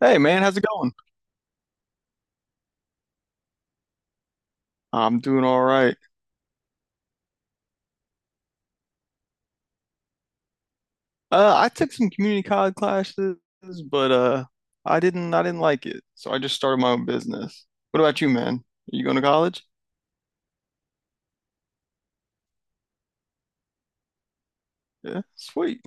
Hey man, how's it going? I'm doing all right. I took some community college classes, but I didn't like it, so I just started my own business. What about you, man? Are you going to college? Yeah, sweet.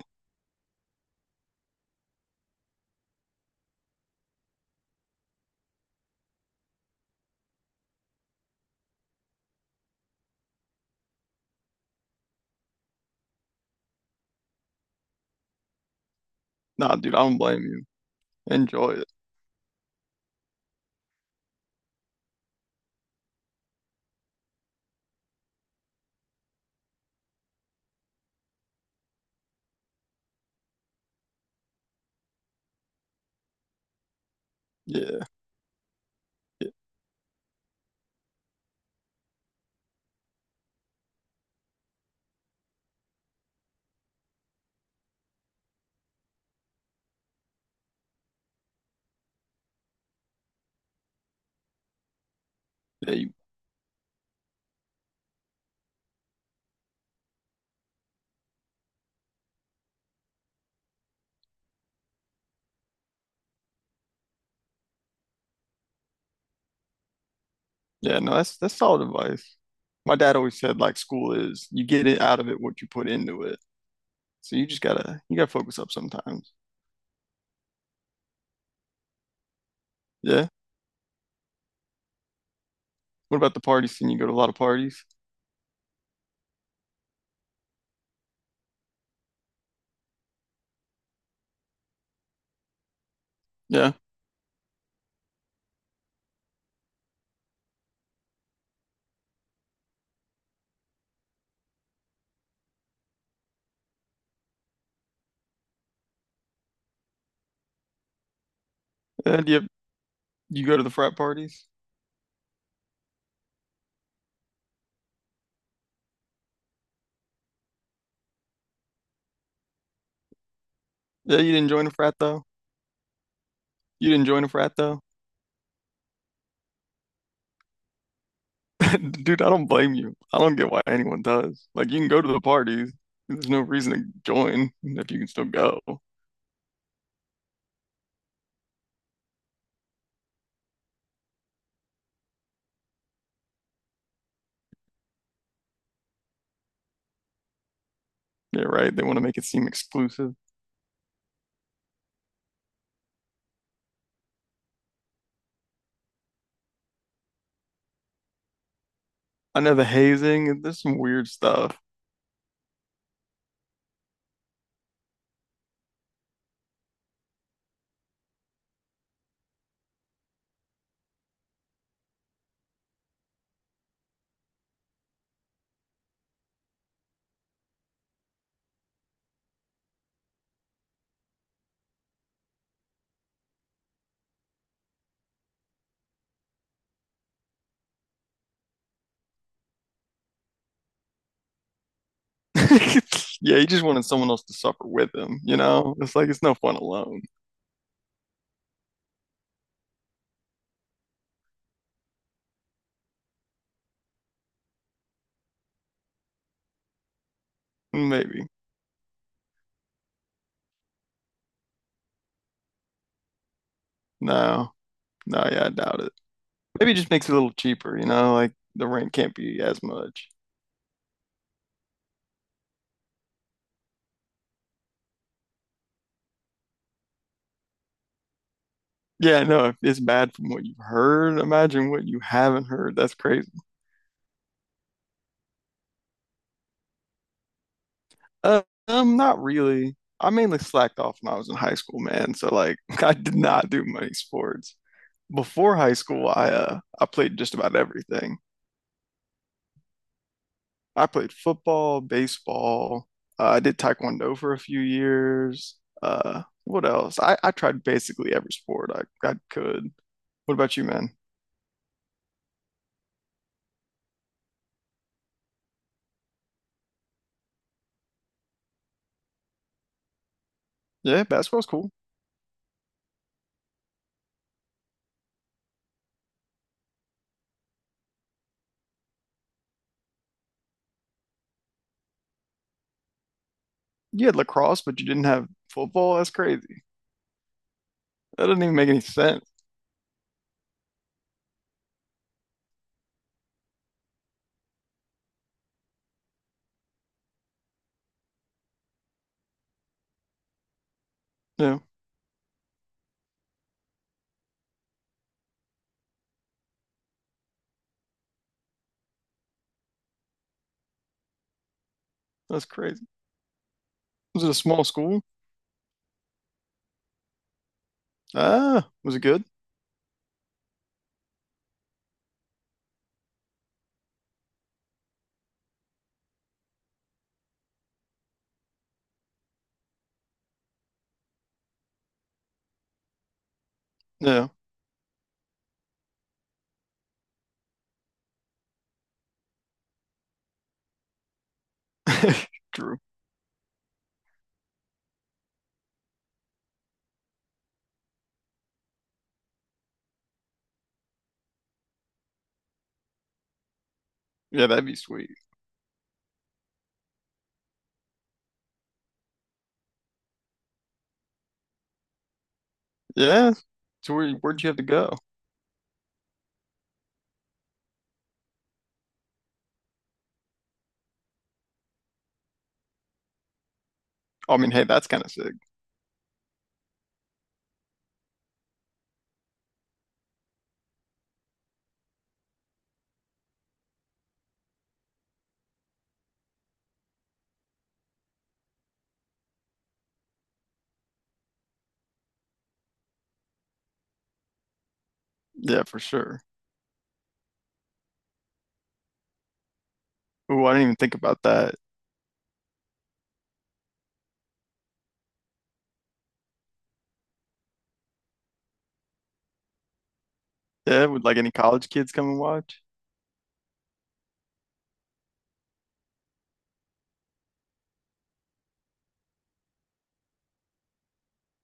Nah, dude, I don't blame you. Enjoy it. Yeah, yeah, yeah, you, yeah. No, that's solid advice. My dad always said like school is you get it out of it what you put into it. So you just gotta focus up sometimes. Yeah. What about the parties? Can you go to a lot of parties? Yeah. Do you go to the frat parties? Yeah, you didn't join a frat though. You didn't join a frat though. Dude, I don't blame you. I don't get why anyone does. Like, you can go to the parties. There's no reason to join if you can still go. Yeah, right. They want to make it seem exclusive. I know the hazing. There's some weird stuff. Yeah, he just wanted someone else to suffer with him. You know, it's like it's no fun alone. Maybe. No, no, yeah, I doubt it. Maybe it just makes it a little cheaper. You know, like the rent can't be as much. Yeah, no, if it's bad from what you've heard, imagine what you haven't heard. That's crazy. Uh, not really. I mainly slacked off when I was in high school, man. So like, I did not do many sports. Before high school, I played just about everything. I played football, baseball. I did taekwondo for a few years. What else? I tried basically every sport I could. What about you, man? Yeah, basketball's cool. You had lacrosse, but you didn't have football. That's crazy. That doesn't even make any sense. Yeah, that's crazy. Was it a small school? Ah, was it good? Yeah, true. Yeah, that'd be sweet. Yeah. So where'd you have to go? Oh, I mean, hey, that's kind of sick. Yeah, for sure. Ooh, I didn't even think about that. Yeah, would like any college kids come and watch?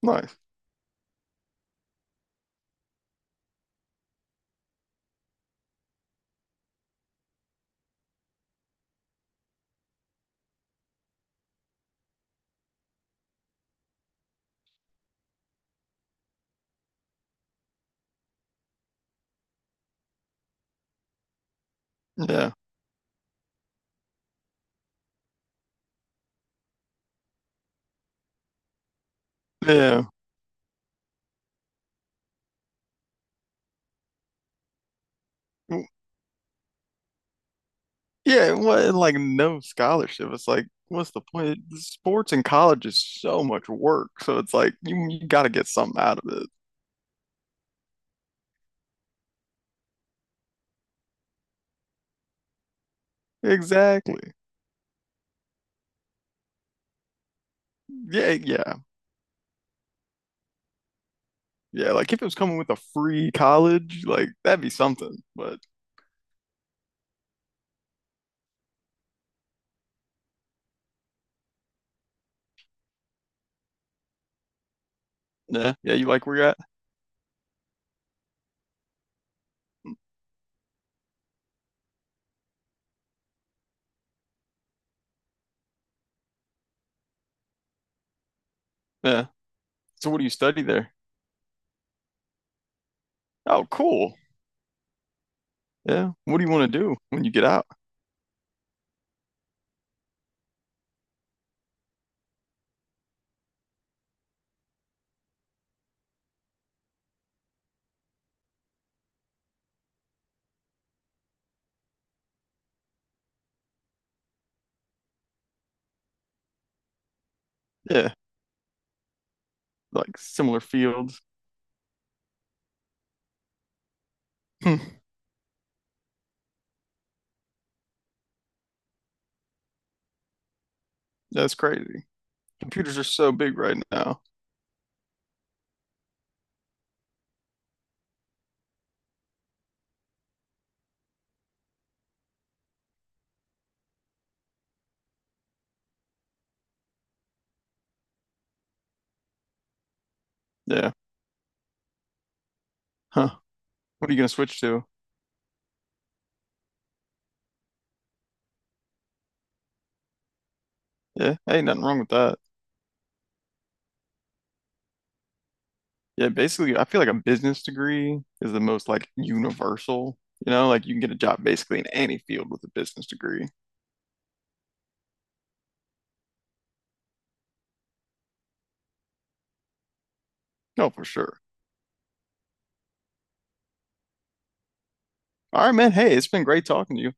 Nice. Yeah. Yeah. W- Yeah, what and, like no scholarship. It's like, what's the point? Sports in college is so much work. So it's like you gotta get something out of it. Exactly. Yeah, yeah. Yeah, like if it was coming with a free college, like that'd be something. But yeah, yeah, you like where you're at? Yeah. So what do you study there? Oh, cool. Yeah. What do you want to do when you get out? Yeah, like similar fields. Hmm, that's crazy. Computers are so big right now. Yeah. Huh. What are you gonna switch to? Yeah. Hey, nothing wrong with that. Yeah, basically, I feel like a business degree is the most like universal. You know, like you can get a job basically in any field with a business degree. No, for sure. All right, man. Hey, it's been great talking to you.